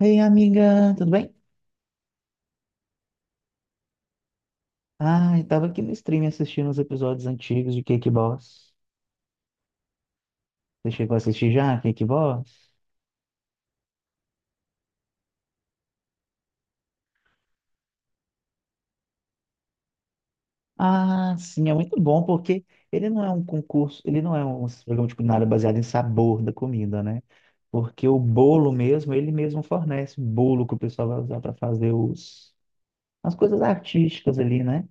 Ei, amiga, tudo bem? Ah, eu tava aqui no stream assistindo os episódios antigos de Cake Boss. Você chegou a assistir já, Cake Boss? Ah, sim, é muito bom porque ele não é um concurso, ele não é um programa de culinária baseado em sabor da comida, né? Porque o bolo mesmo, ele mesmo fornece o bolo que o pessoal vai usar para fazer os, as coisas artísticas ali, né?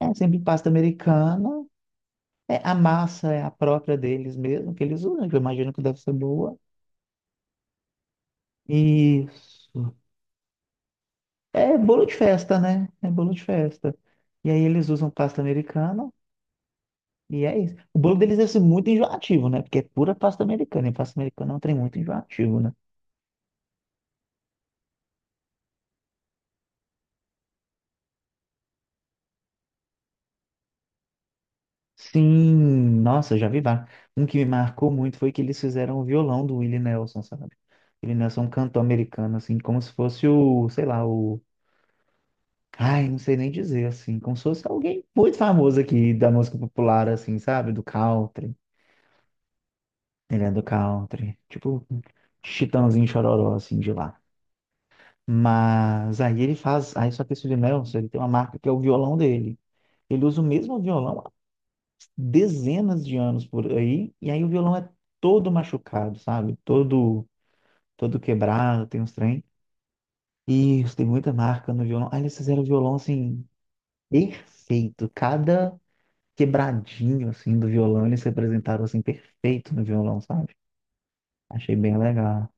É sempre pasta americana, é, a massa é a própria deles mesmo, que eles usam, que eu imagino que deve ser boa. Isso. É bolo de festa, né? É bolo de festa. E aí eles usam pasta americana e é isso. O bolo deles é assim, muito enjoativo, né? Porque é pura pasta americana. E pasta americana é um trem muito enjoativo, né? Sim, nossa, já vi vários. Um que me marcou muito foi que eles fizeram o violão do Willie Nelson, sabe? Willie Nelson é um cantor americano, assim, como se fosse o, sei lá, o. Ai, não sei nem dizer, assim, como se fosse alguém muito famoso aqui da música popular, assim, sabe? Do country. Ele é do country. Tipo, Chitãozinho Chororó, assim, de lá. Mas aí ele faz. Aí só que esse Nelson, ele tem uma marca que é o violão dele. Ele usa o mesmo violão há dezenas de anos por aí. E aí o violão é todo machucado, sabe? Todo, todo quebrado, tem uns trem. E tem muita marca no violão. Aí eles fizeram o violão, assim, perfeito. Cada quebradinho, assim, do violão, eles representaram, assim, perfeito no violão, sabe? Achei bem legal.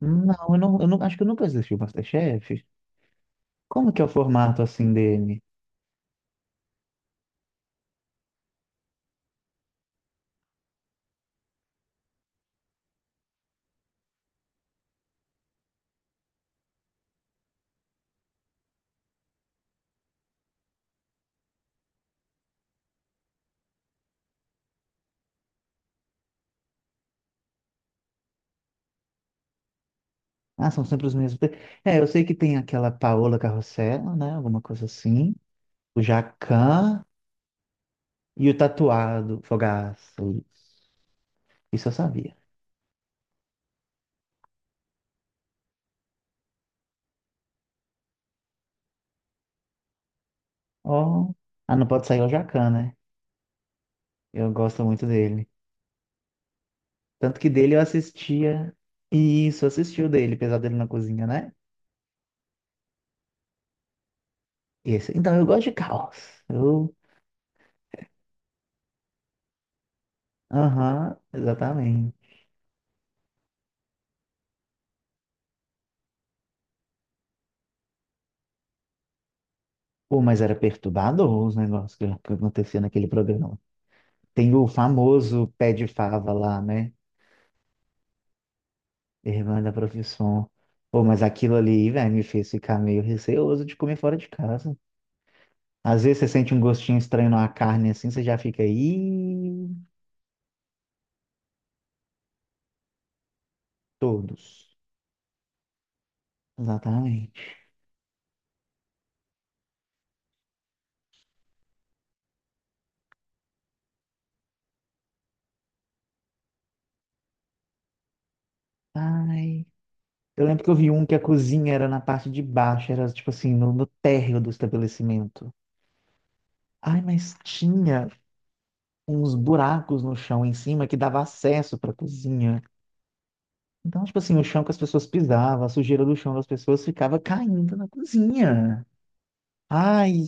Não, eu não, eu não, acho que eu nunca assisti o MasterChef. Como que é o formato assim dele? Ah, são sempre os mesmos. É, eu sei que tem aquela Paola Carrossel, né? Alguma coisa assim. O Jacan e o tatuado Fogaço. Isso. Isso eu sabia. Oh, ah, não pode sair o Jacan, né? Eu gosto muito dele. Tanto que dele eu assistia. Isso, eu assisti o dele, Pesadelo na Cozinha, né? Esse. Então eu gosto de caos. Eu. Aham, exatamente. Pô, mas era perturbador os negócios que acontecia naquele programa. Tem o famoso pé de fava lá, né? Irmã da profissão. Pô, mas aquilo ali, velho, me fez ficar meio receoso de comer fora de casa. Às vezes você sente um gostinho estranho na carne assim, você já fica aí. Todos. Exatamente. Ai. Eu lembro que eu vi um que a cozinha era na parte de baixo, era tipo assim, no, no térreo do estabelecimento. Ai, mas tinha uns buracos no chão em cima que dava acesso para cozinha. Então, tipo assim, o chão que as pessoas pisavam, a sujeira do chão das pessoas ficava caindo na cozinha. Ai,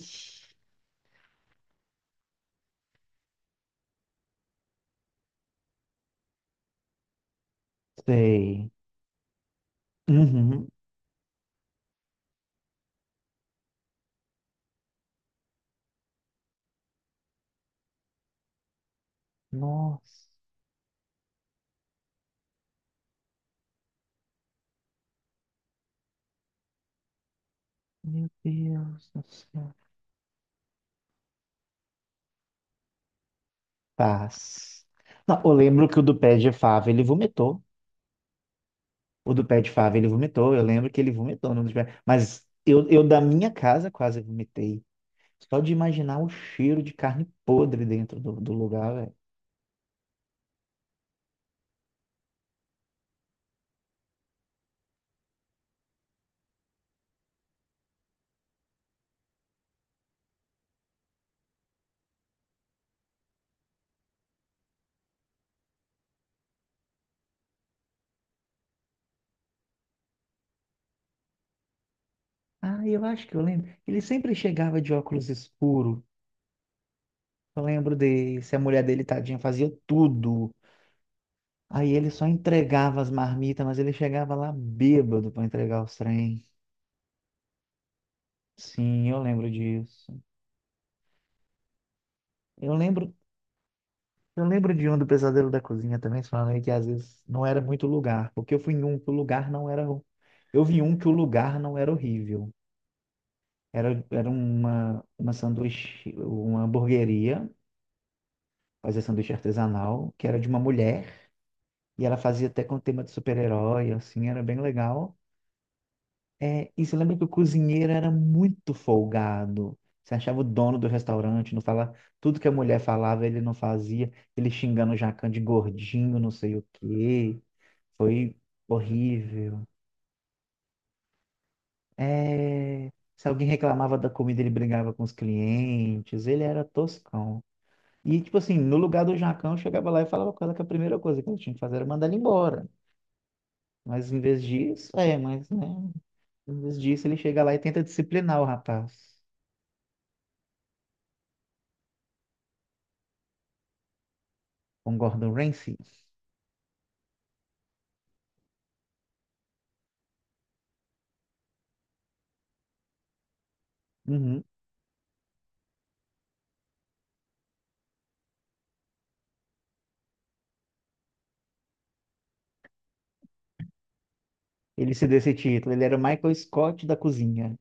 sei. Uhum. Nossa, meu Deus do céu. Paz. Não, eu lembro que o do pé de fava, ele vomitou. O do pé de fava, ele vomitou. Eu lembro que ele vomitou. No do pé. Mas eu da minha casa quase vomitei. Só de imaginar o cheiro de carne podre dentro do, do lugar, velho. Ah, eu acho que eu lembro. Ele sempre chegava de óculos escuros. Eu lembro desse, a mulher dele, tadinha, fazia tudo. Aí ele só entregava as marmitas, mas ele chegava lá bêbado para entregar os trem. Sim, eu lembro disso. Eu lembro, eu lembro de um do Pesadelo da Cozinha também, falando aí que às vezes não era muito lugar, porque eu fui em um que o lugar não era. Eu vi um que o lugar não era horrível. Era, era uma sanduíche, uma hamburgueria, fazia sanduíche artesanal, que era de uma mulher, e ela fazia até com tema de super-herói, assim, era bem legal. É, e lembra que o cozinheiro era muito folgado? Você achava o dono do restaurante, não falava, tudo que a mulher falava ele não fazia, ele xingando o Jacan de gordinho, não sei o quê. Foi horrível. É, se alguém reclamava da comida, ele brigava com os clientes, ele era toscão. E, tipo assim, no lugar do Jacão, eu chegava lá e falava com ela que a primeira coisa que ele tinha que fazer era mandar ele embora. Mas em vez disso, é, mas, né, em vez disso, ele chega lá e tenta disciplinar o rapaz. Com Gordon Ramsay. Uhum. Ele se deu esse título. Ele era o Michael Scott da cozinha.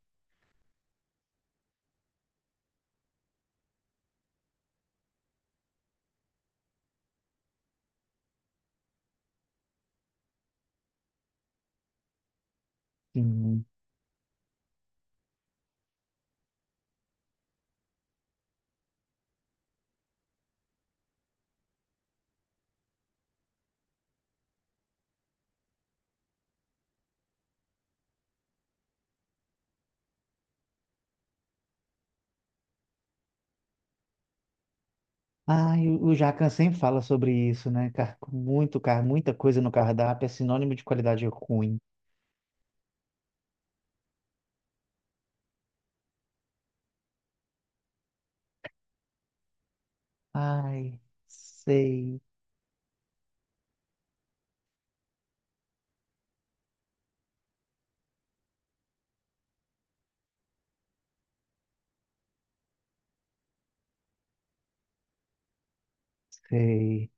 Sim. Ah, e o Jacan sempre fala sobre isso, né? Muito, muita coisa no cardápio é sinônimo de qualidade ruim. Ai, sei, sei.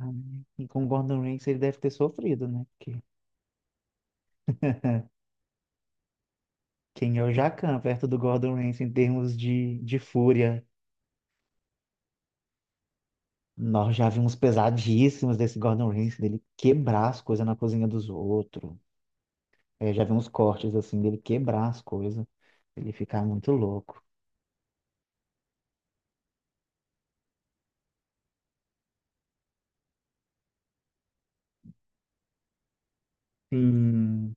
Ai, e com o Gordon Ramsay ele deve ter sofrido, né? Porque quem é o Jacan perto do Gordon Ramsay em termos de fúria? Nós já vimos pesadíssimos desse Gordon Ramsay, dele quebrar as coisas na cozinha dos outros. Eu já vi uns cortes assim dele quebrar as coisas, ele ficar muito louco. Sim.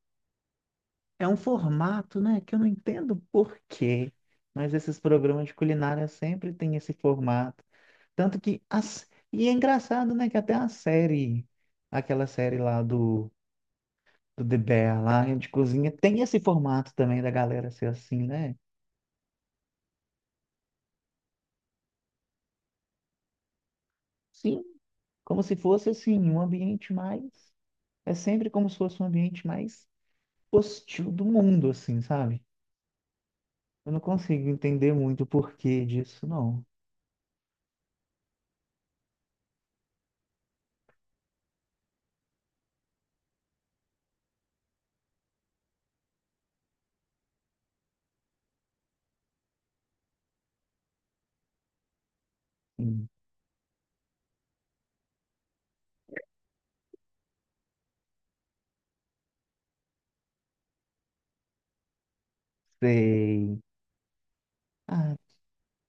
É um formato, né, que eu não entendo por quê, mas esses programas de culinária sempre têm esse formato. Tanto que as... e é engraçado, né, que até a série, aquela série lá do The Bear lá de cozinha tem esse formato também da galera ser assim, né? Sim, como se fosse assim um ambiente mais é sempre como se fosse um ambiente mais hostil do mundo assim, sabe? Eu não consigo entender muito o porquê disso, não. Não sei. Ah,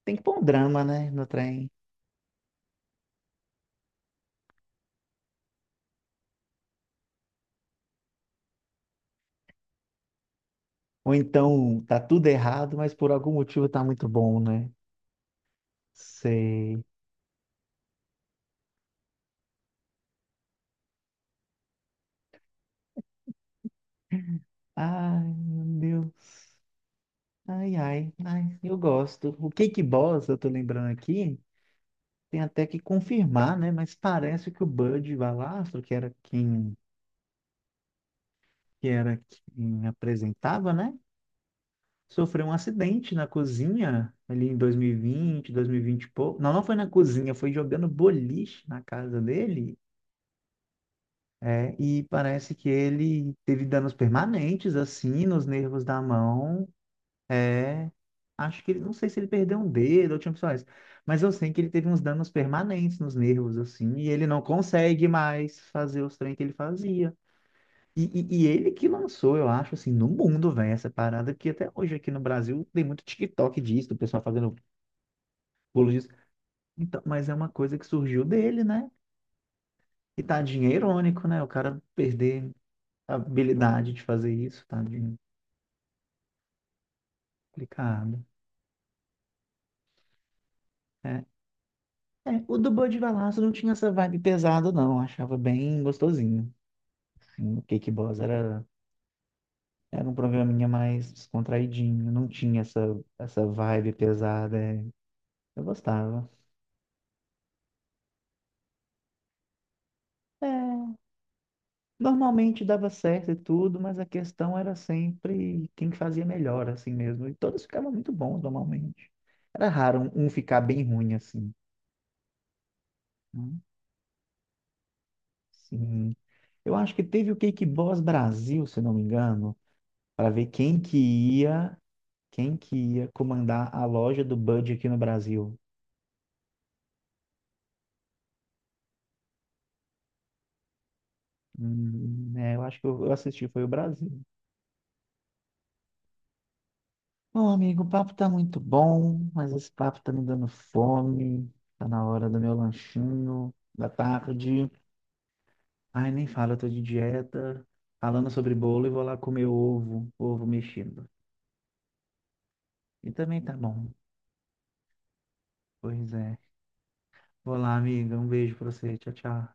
tem que pôr um drama, né, no trem. Ou então tá tudo errado, mas por algum motivo tá muito bom, né? Sei. Ai, meu Deus. Ai, ai, ai, eu gosto. O Cake Boss, eu tô lembrando aqui, tem até que confirmar, né? Mas parece que o Bud Valastro, que era quem apresentava, né? Sofreu um acidente na cozinha ali em dois mil e vinte e pouco. Não, não foi na cozinha, foi jogando boliche na casa dele. É, e parece que ele teve danos permanentes, assim, nos nervos da mão. É, acho que ele, não sei se ele perdeu um dedo ou tinha opções, mas eu sei que ele teve uns danos permanentes nos nervos, assim, e ele não consegue mais fazer os treinos que ele fazia. E, e ele que lançou, eu acho, assim, no mundo, velho, essa parada, que até hoje aqui no Brasil tem muito TikTok disso, do pessoal fazendo bolo disso. Então, mas é uma coisa que surgiu dele, né? E tadinho, é irônico, né? O cara perder a habilidade de fazer isso, tadinho, complicado. É, é, o do Bud Valastro não tinha essa vibe pesada, não. Eu achava bem gostosinho. Assim. O Cake Boss era, era um programinha mais descontraidinho, não tinha essa, essa vibe pesada. É. Eu gostava. É. Normalmente dava certo e tudo, mas a questão era sempre quem fazia melhor, assim mesmo. E todos ficavam muito bons, normalmente. Era raro um ficar bem ruim, assim. Né? Sim. Eu acho que teve o Cake Boss Brasil, se não me engano, para ver ia, quem que ia comandar a loja do Bud aqui no Brasil. É, eu acho que eu assisti, foi o Brasil. Bom, amigo, o papo tá muito bom, mas esse papo tá me dando fome. Tá na hora do meu lanchinho da tarde. Ai, nem fala, eu tô de dieta, falando sobre bolo e vou lá comer ovo, ovo mexido. E também tá bom. Pois é. Vou lá, amiga. Um beijo pra você. Tchau, tchau.